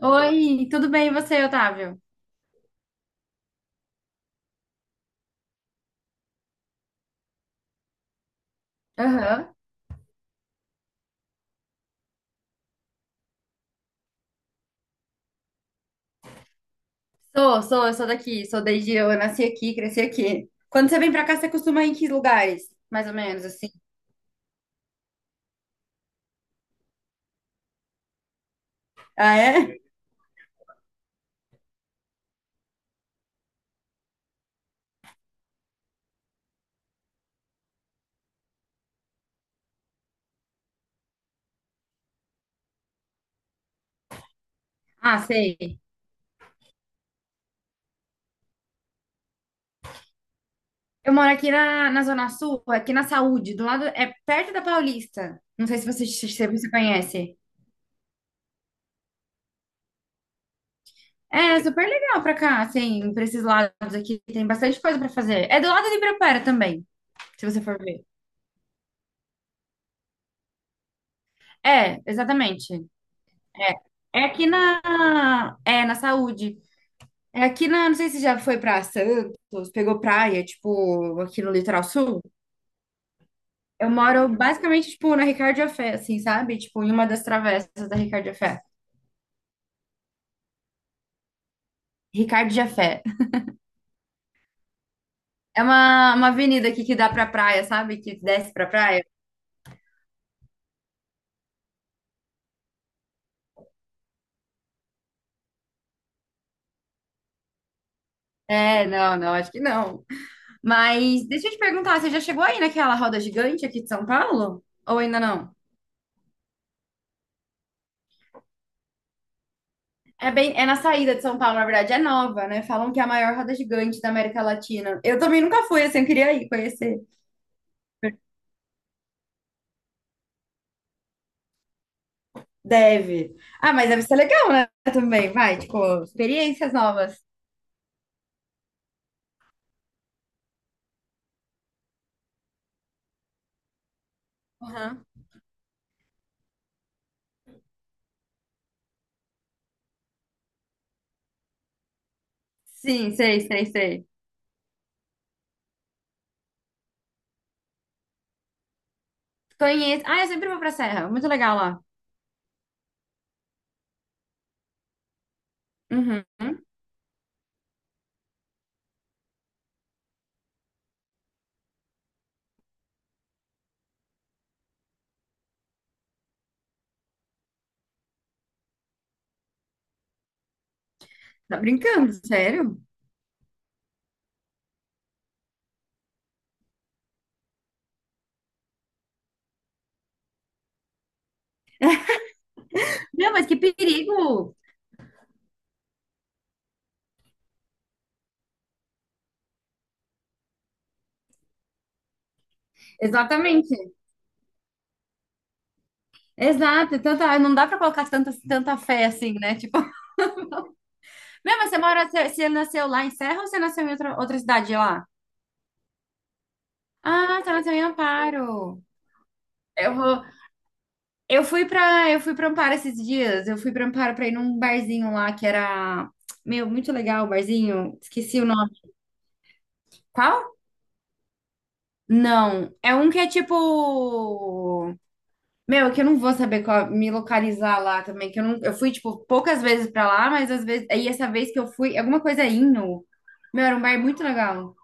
Oi, tudo bem e você, Otávio? Aham. Sou, sou, eu sou daqui, sou desde eu nasci aqui, cresci aqui. Quando você vem pra cá, você costuma ir em que lugares? Mais ou menos assim. Ah, é? Ah, sei. Eu moro aqui na Zona Sul, aqui na Saúde, do lado, é perto da Paulista. Não sei se você conhece. É super legal pra cá, assim, pra esses lados aqui, tem bastante coisa pra fazer. É do lado de Ibirapuera também, se você for ver. É, exatamente. É aqui na Saúde. É aqui não sei se já foi pra Santos, pegou praia, tipo, aqui no litoral sul. Eu moro basicamente, tipo, na Ricardo Jafé, assim, sabe? Tipo, em uma das travessas da Ricardo Jafé. Ricardo Jafé. É uma avenida aqui que dá pra praia, sabe? Que desce pra praia. É, não, não, acho que não. Mas deixa eu te perguntar, você já chegou aí naquela roda gigante aqui de São Paulo? Ou ainda não? É bem, é na saída de São Paulo, na verdade, é nova, né? Falam que é a maior roda gigante da América Latina. Eu também nunca fui, assim, eu queria ir conhecer. Deve. Ah, mas deve ser legal, né? Também, vai, tipo, experiências novas. Aham. Sim, sei, sei, sei. Conheço. Ah, eu sempre vou pra Serra. Muito legal lá. Uhum. Tá brincando, sério? Não, mas que perigo! Exatamente. Exato. Não dá pra colocar tanta fé assim, né? Tipo, meu, mas você mora, você nasceu lá em Serra ou você nasceu em outra cidade lá? Ah, você nasceu em Amparo. Eu vou, Eu fui pra eu fui para Amparo esses dias. Eu fui pra Amparo pra ir num barzinho lá que era meu, muito legal o barzinho. Esqueci o nome. Qual? Não, é um que é tipo meu, que eu não vou saber qual- me localizar lá também, que eu não eu fui tipo poucas vezes pra lá, mas às vezes aí essa vez que eu fui, alguma coisa Inno. Meu, era um bar muito legal.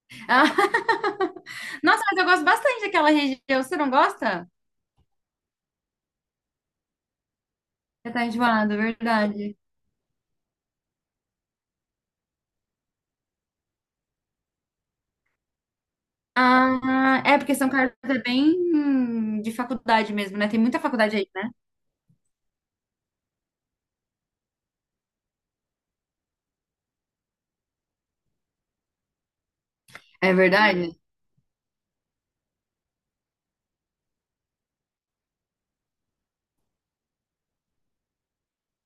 Ah, nossa, mas eu gosto bastante daquela região. Você não gosta? Você tá enjoado, é verdade. Ah, é porque São Carlos é bem de faculdade mesmo, né? Tem muita faculdade aí, né? É verdade?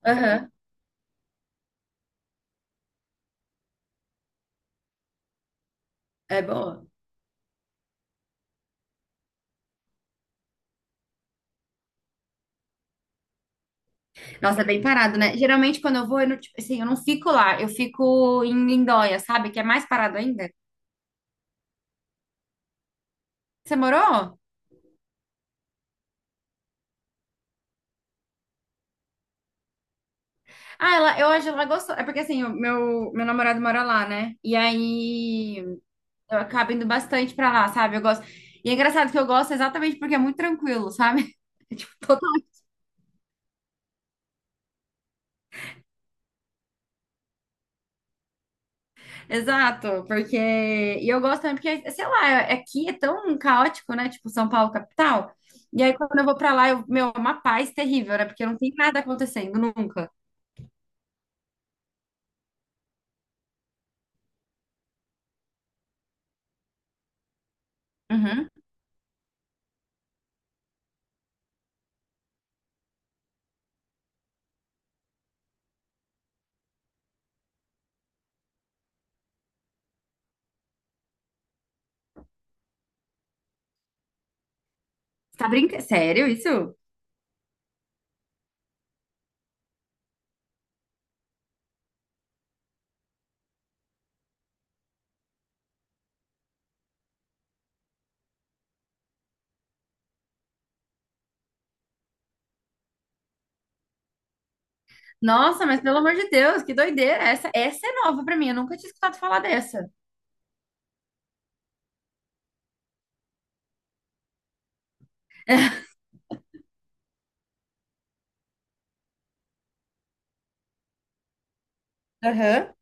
Aham. É boa. Nossa, é bem parado, né? Geralmente quando eu vou, eu não, tipo, assim, eu não fico lá, eu fico em Lindóia, sabe? Que é mais parado ainda. Você morou? Ah, ela, eu hoje ela gostou. É porque assim, o meu namorado mora lá, né? E aí eu acabo indo bastante pra lá, sabe? Eu gosto. E é engraçado que eu gosto exatamente porque é muito tranquilo, sabe? É tipo Exato, porque. E eu gosto também, porque, sei lá, aqui é tão caótico, né? Tipo, São Paulo, capital. E aí, quando eu vou pra lá, eu... meu, é uma paz terrível, né? Porque não tem nada acontecendo nunca. Uhum. Você tá brincando? Sério, isso? Nossa, mas pelo amor de Deus, que doideira! Essa é nova pra mim, eu nunca tinha escutado falar dessa. Aham.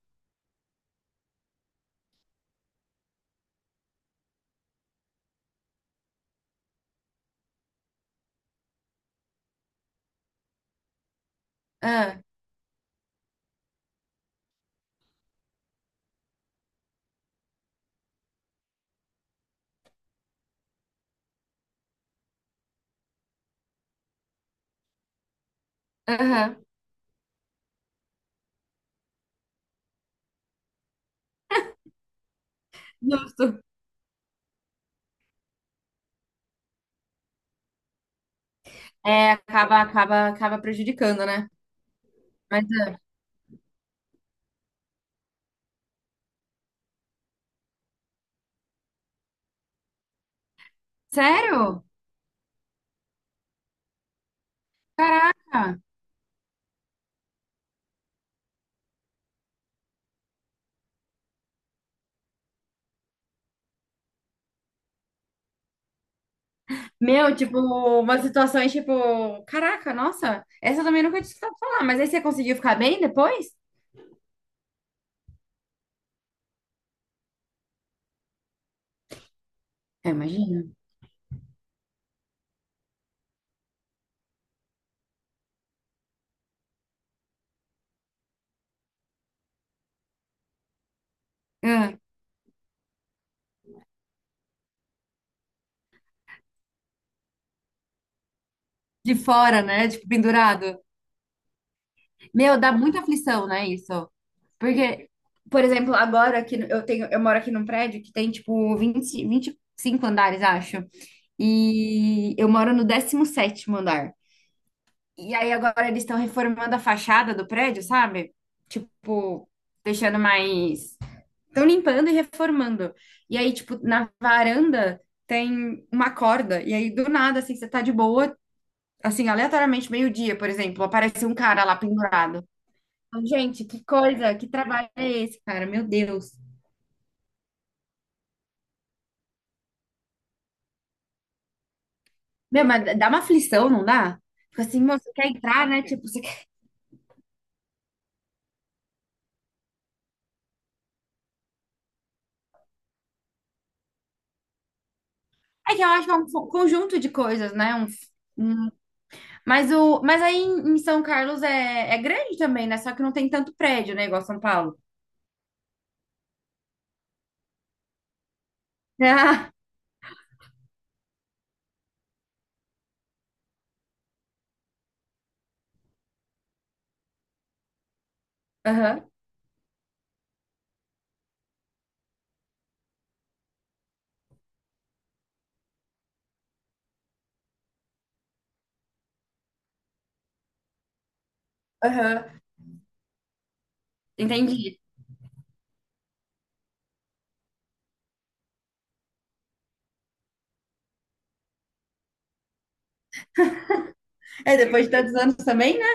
Ah, aham, justo. É, acaba prejudicando, né? Mas, ah, sério? Caraca! Meu, tipo, umas situações tipo, caraca, nossa, essa eu também nunca tinha escutado falar, mas aí você conseguiu ficar bem depois? Eu imagino. Ah, de fora, né? Tipo, pendurado. Meu, dá muita aflição, né, isso? Porque, por exemplo, agora aqui eu tenho, eu moro aqui num prédio que tem tipo 20 25 andares, acho. E eu moro no 17º andar. E aí agora eles estão reformando a fachada do prédio, sabe? Tipo, deixando mais Estão limpando e reformando. E aí, tipo, na varanda tem uma corda. E aí, do nada, assim, você tá de boa, assim, aleatoriamente, meio-dia, por exemplo, aparece um cara lá pendurado. Então, gente, que coisa, que trabalho é esse, cara? Meu Deus. Meu, mas dá uma aflição, não dá? Fica assim, meu, você quer entrar, né? Tipo, você quer... É que eu acho que é um conjunto de coisas, né? Um- Mas, aí em São Carlos é... é grande também, né? Só que não tem tanto prédio, né? Igual São Paulo. Ah, aham, aham. Entendi. É, depois de tantos anos também, né?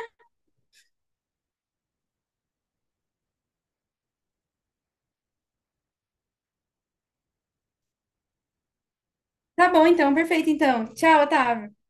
Tá bom, então, perfeito, então. Tchau, Otávio.